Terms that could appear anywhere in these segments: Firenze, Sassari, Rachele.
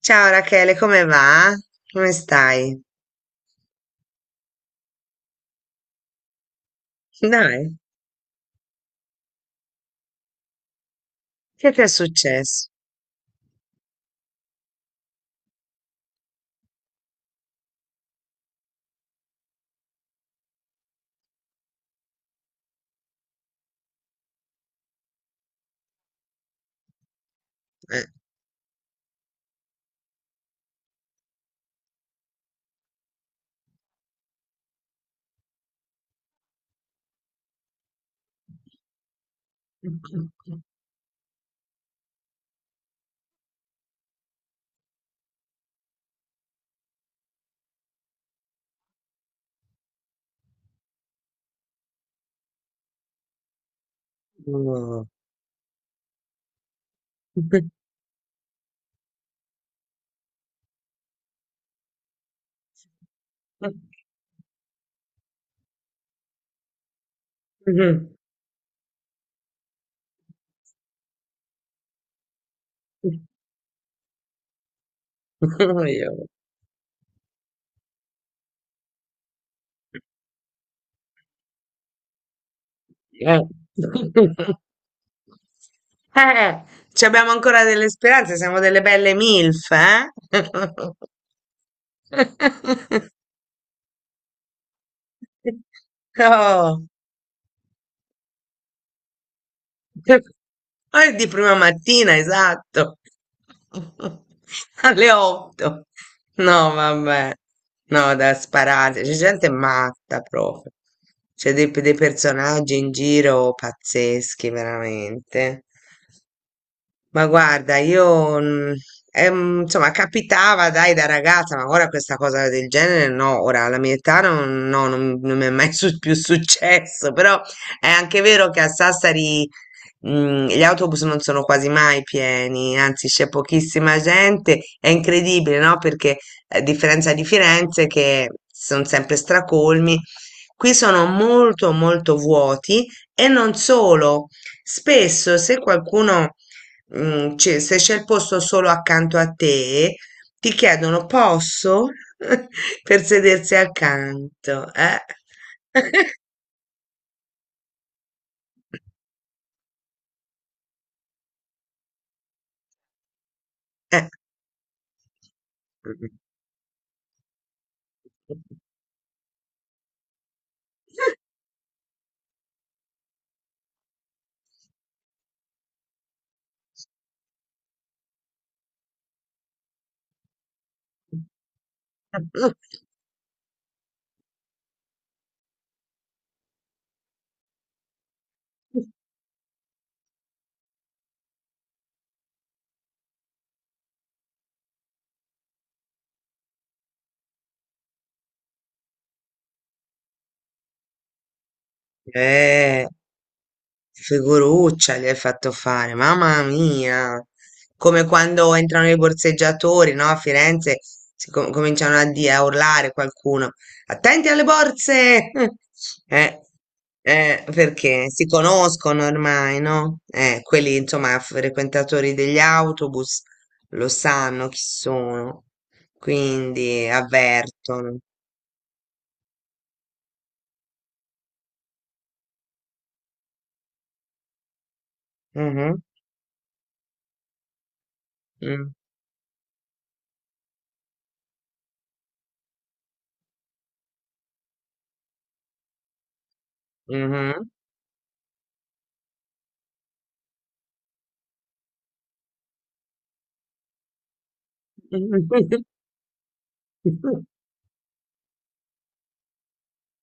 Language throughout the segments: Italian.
Ciao Rachele, come va? Come stai? Dai, che ti è successo? Eh. Oh. Io. Eh, Eh, Ci abbiamo ancora delle speranze, siamo delle belle MILF, eh? Oh. Ah, è di prima mattina, esatto. Alle 8. No, vabbè. No, da sparare. C'è gente matta proprio. C'è dei personaggi in giro pazzeschi, veramente. Ma guarda, io insomma capitava dai da ragazza, ma ora questa cosa del genere no, ora alla mia età non, no, non- non mi è mai più successo, però è anche vero che a Sassari gli autobus non sono quasi mai pieni, anzi c'è pochissima gente, è incredibile, no? Perché a differenza di Firenze che sono sempre stracolmi, qui sono molto molto vuoti e non solo, spesso se qualcuno cioè, se c'è il posto solo accanto a te, ti chiedono posso per sedersi accanto. Eh? Eh. Eh. Figuruccia gli hai fatto fare, mamma mia! Come quando entrano i borseggiatori, no? A Firenze si cominciano a, dire, a urlare qualcuno. Attenti alle borse! Eh, perché si conoscono ormai, no? Quelli, insomma, frequentatori degli autobus lo sanno chi sono, quindi avvertono. Mhm, mm, mhm.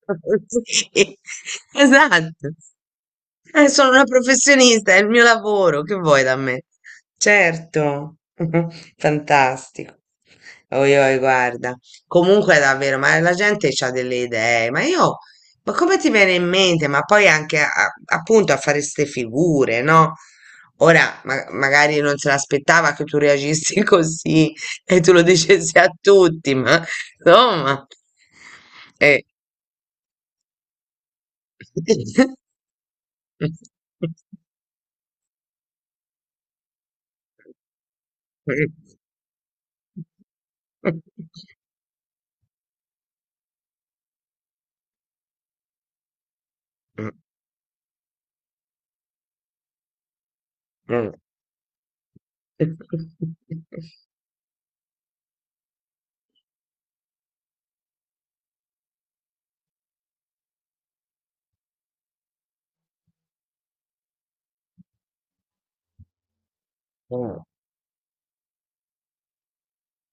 Sì, esatto. Sono una professionista, è il mio lavoro, che vuoi da me? Certo, fantastico. Oi, oi, guarda. Comunque, davvero, ma la gente ha delle idee, ma io, ma come ti viene in mente? Ma poi anche appunto a fare ste figure, no? Ora, magari non se l'aspettava che tu reagissi così e tu lo dicessi a tutti, ma insomma, Eh,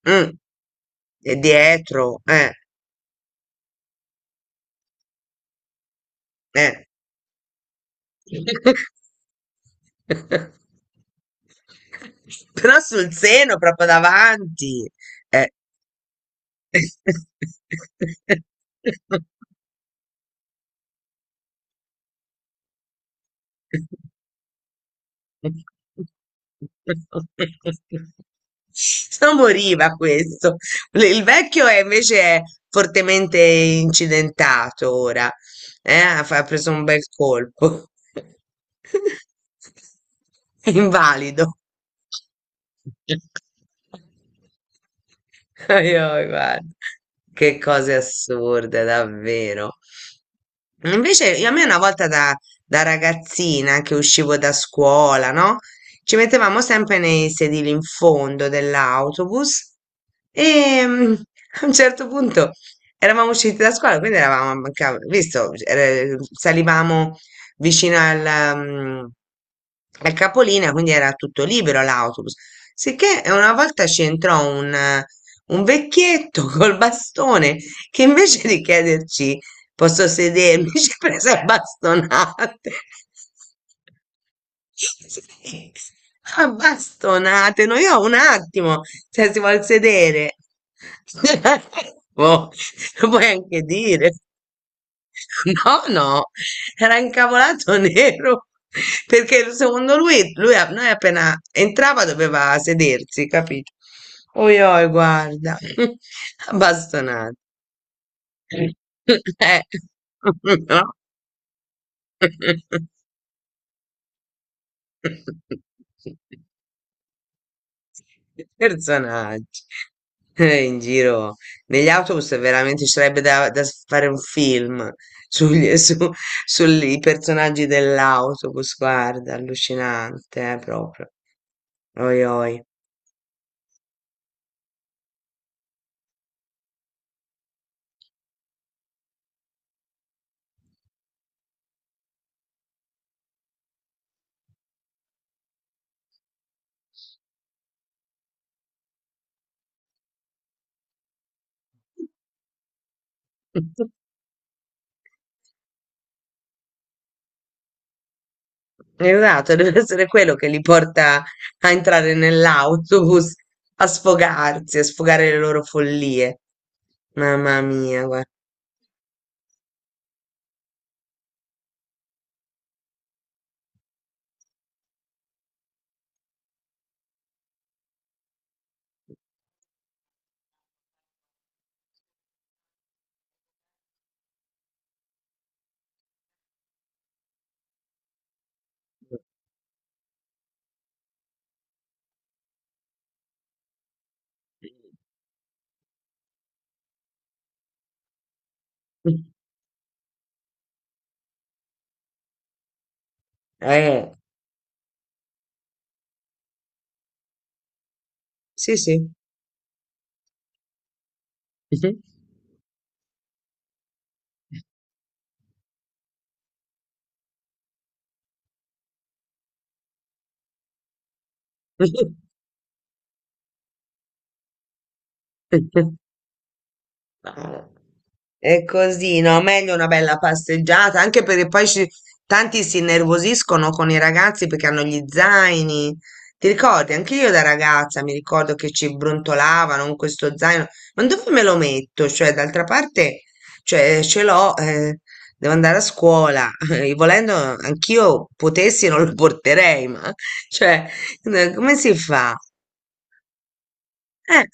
Mm, e dietro, eh. Però sul seno, proprio davanti. Eh. Non moriva questo. Il vecchio è invece è fortemente incidentato ora. Ha ha preso un bel colpo. È invalido. Ai, ai, guarda. Che cose assurde, davvero. Invece a me una volta da ragazzina che uscivo da scuola, no? Ci mettevamo sempre nei sedili in fondo dell'autobus e a un certo punto eravamo usciti da scuola, quindi eravamo, visto, salivamo vicino alla, al capolinea, quindi era tutto libero l'autobus. Sicché una volta ci entrò un vecchietto col bastone che invece di chiederci posso sedermi? Ci ha preso a bastonate. Sì, a bastonate. No, io un attimo, se si vuol sedere. Boh, lo puoi anche dire. No, no, era incavolato nero perché secondo lui, noi appena entrava doveva sedersi, capito? Oi, oi, guarda, abbastonati. Eh, no? Personaggi eh, in giro negli autobus è veramente ci sarebbe da fare un film sugli, su, sui personaggi dell'autobus, guarda, allucinante, proprio. Oi, oi. Esatto, deve essere quello che li porta a entrare nell'autobus, a sfogarsi, a sfogare le loro follie. Mamma mia, guarda. Eh, sì, sì. No, è così, no? Meglio una bella passeggiata, anche perché poi tanti si innervosiscono con i ragazzi perché hanno gli zaini. Ti ricordi? Anche io da ragazza mi ricordo che ci brontolavano con questo zaino. Ma dove me lo metto? Cioè, d'altra parte, cioè, ce l'ho, devo andare a scuola. E volendo, anch'io potessi non lo porterei, ma cioè, come si fa? Eh,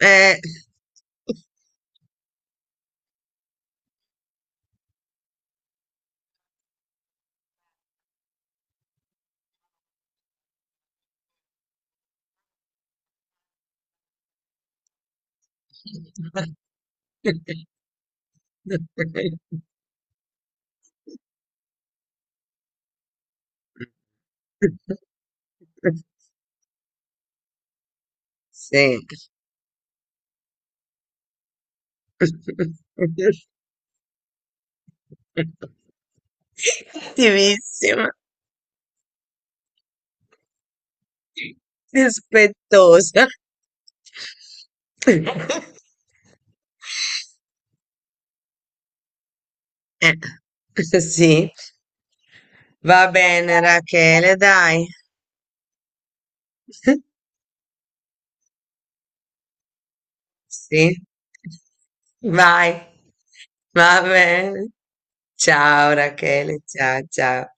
eh. eh. Okay. Sì. Attivissima, rispettosa. Eh, sì, va bene Rachele, dai. Sì, vai. Va bene. Ciao Rachele, ciao ciao.